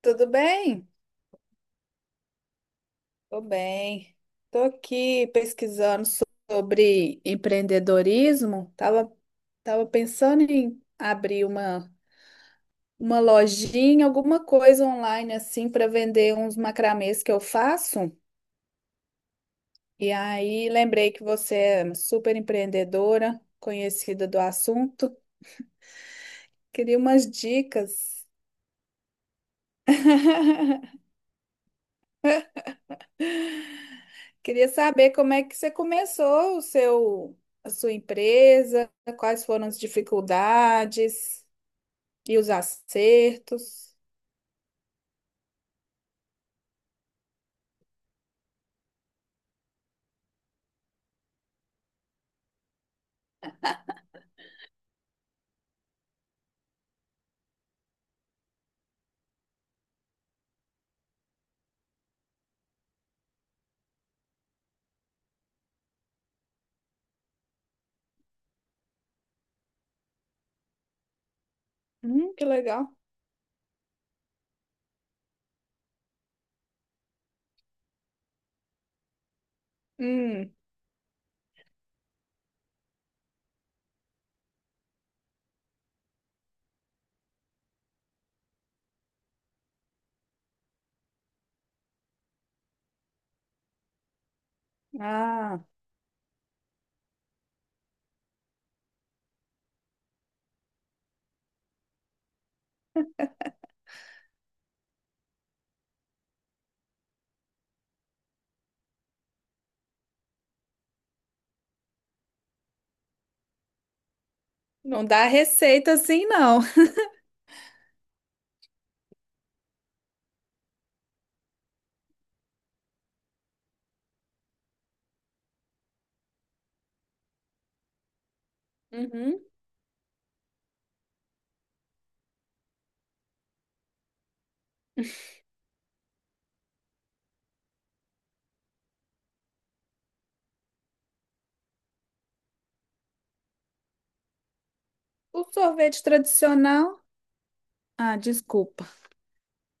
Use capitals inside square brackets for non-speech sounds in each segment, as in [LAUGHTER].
Tudo bem? Tô bem. Tô aqui pesquisando sobre empreendedorismo. Tava pensando em abrir uma lojinha, alguma coisa online assim para vender uns macramês que eu faço. E aí lembrei que você é super empreendedora, conhecida do assunto. Queria umas dicas. [LAUGHS] Queria saber como é que você começou a sua empresa, quais foram as dificuldades. E os acertos. Que legal. Hum, ah, não dá receita assim, não. Uhum. O sorvete tradicional. Ah, desculpa.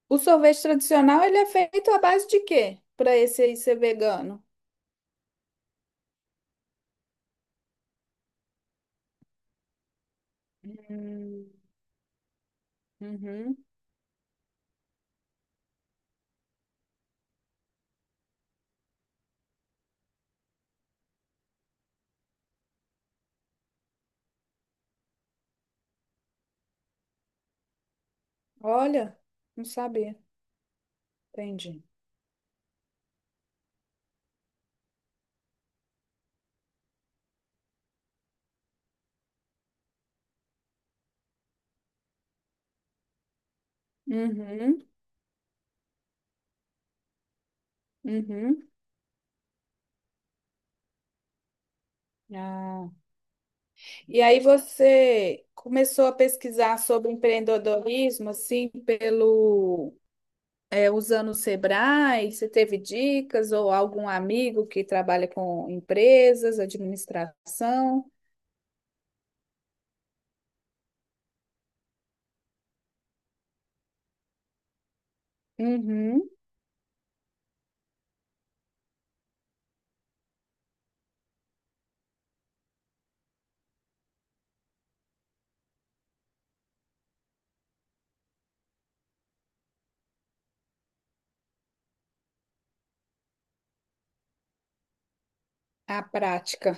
O sorvete tradicional, ele é feito à base de quê? Para esse aí ser vegano. Hum, uhum. Olha, não sabia. Entendi. Uhum, uhum. Ah. E aí você começou a pesquisar sobre empreendedorismo, assim, pelo usando o Sebrae? Você teve dicas ou algum amigo que trabalha com empresas, administração? Uhum. A prática.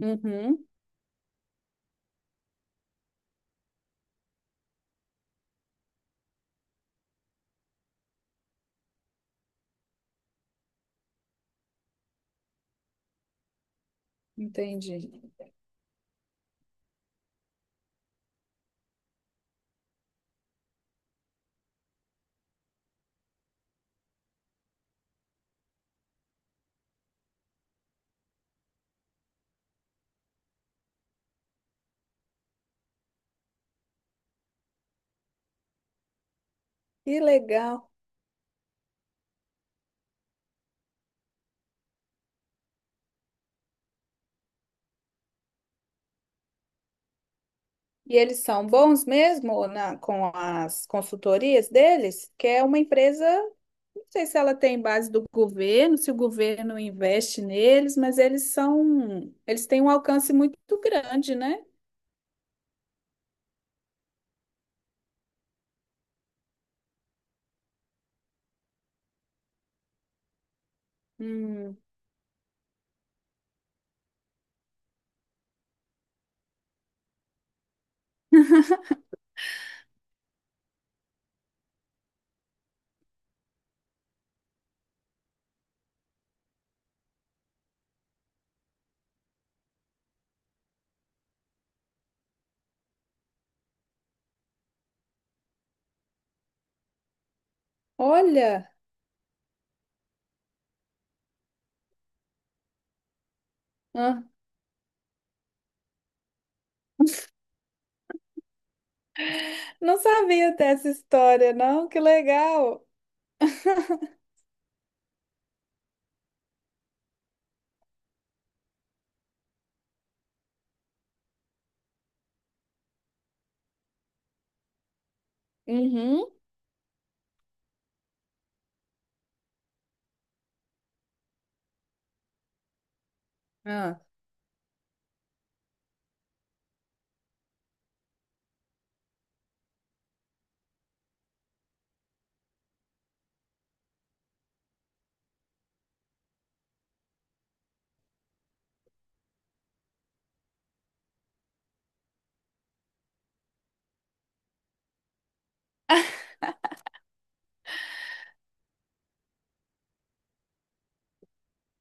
Uhum. Entendi. Que legal. E eles são bons mesmo na, com as consultorias deles? Que é uma empresa, não sei se ela tem base do governo, se o governo investe neles, mas eles são, eles têm um alcance muito grande, né? Hum. Olha. Não sabia dessa história, não? Que legal. Uhum. Ah,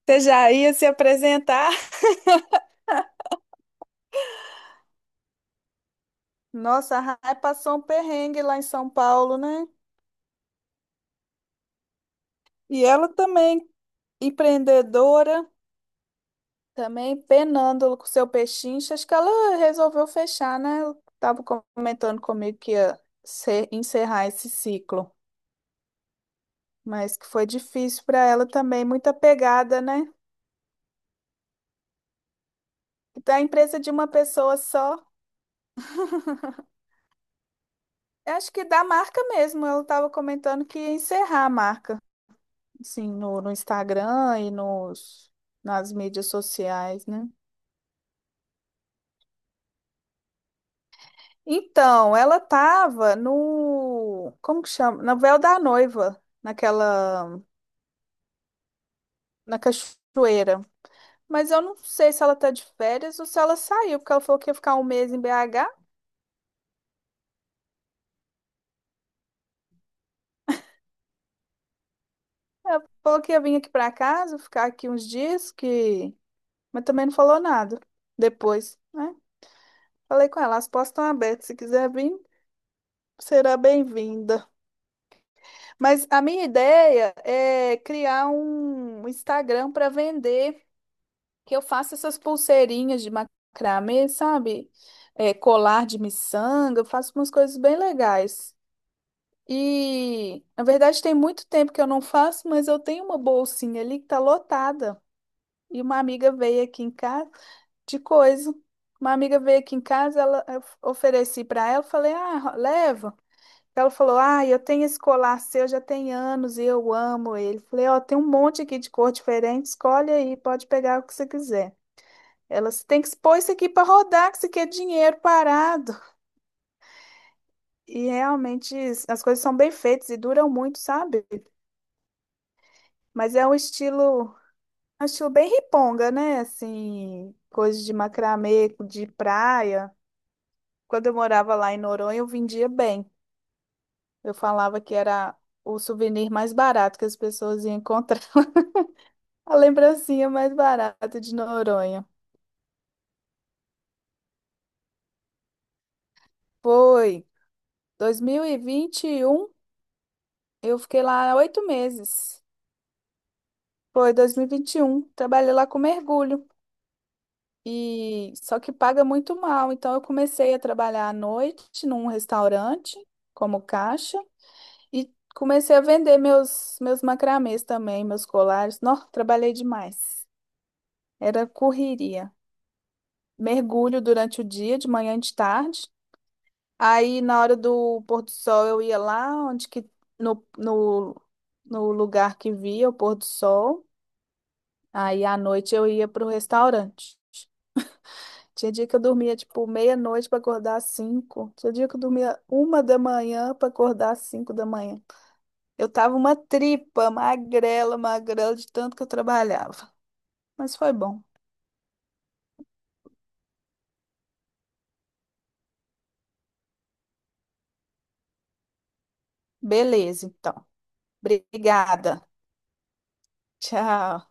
você já ia se apresentar? Nossa, a Rai passou um perrengue lá em São Paulo, né? E ela também, empreendedora, também penando com seu pechincha. Acho que ela resolveu fechar, né? Ela tava comentando comigo que ia encerrar esse ciclo, mas que foi difícil para ela também, muita pegada, né? Da empresa de uma pessoa só. Eu acho que da marca mesmo, ela estava comentando que ia encerrar a marca, assim, no Instagram e nas mídias sociais, né? Então, ela estava no, como que chama? Na Véu da Noiva, naquela, na cachoeira. Mas eu não sei se ela tá de férias ou se ela saiu, porque ela falou que ia ficar um mês em BH. Ela falou que ia vir aqui para casa, ficar aqui uns dias, que... Mas também não falou nada depois, né? Falei com ela, as portas estão abertas, se quiser vir. Será bem-vinda. Mas a minha ideia é criar um Instagram para vender, que eu faça essas pulseirinhas de macramê, sabe? É, colar de miçanga, eu faço umas coisas bem legais. E, na verdade, tem muito tempo que eu não faço, mas eu tenho uma bolsinha ali que tá lotada. E uma amiga veio aqui em casa de coisa. Uma amiga veio aqui em casa, ela, eu ofereci para ela, falei: "Ah, leva". Ela falou: Ah, eu tenho esse colar seu já tem anos e eu amo ele. Falei: Ó, tem um monte aqui de cor diferente, escolhe aí, pode pegar o que você quiser. Ela "Você tem que expor isso aqui para rodar, que isso aqui é dinheiro parado. E realmente as coisas são bem feitas e duram muito, sabe? Mas é um estilo bem riponga, né? Assim, coisas de macramê, de praia. Quando eu morava lá em Noronha, eu vendia bem. Eu falava que era o souvenir mais barato que as pessoas iam encontrar. A lembrancinha mais barata de Noronha. Foi dois mil e vinte e um. Eu fiquei lá 8 meses. Foi dois mil e vinte e um. Trabalhei lá com mergulho. E só que paga muito mal, então eu comecei a trabalhar à noite num restaurante como caixa e comecei a vender meus macramês também, meus colares. Nossa, trabalhei demais. Era correria. Mergulho durante o dia, de manhã e de tarde. Aí na hora do pôr do sol eu ia lá onde que no, no, no lugar que via o pôr do sol. Aí à noite eu ia pro restaurante. Tinha dia que eu dormia tipo meia-noite para acordar às 5. Tinha dia que eu dormia 1 da manhã para acordar às 5 da manhã. Eu tava uma tripa, magrela, magrela de tanto que eu trabalhava. Mas foi bom. Beleza, então. Obrigada. Tchau.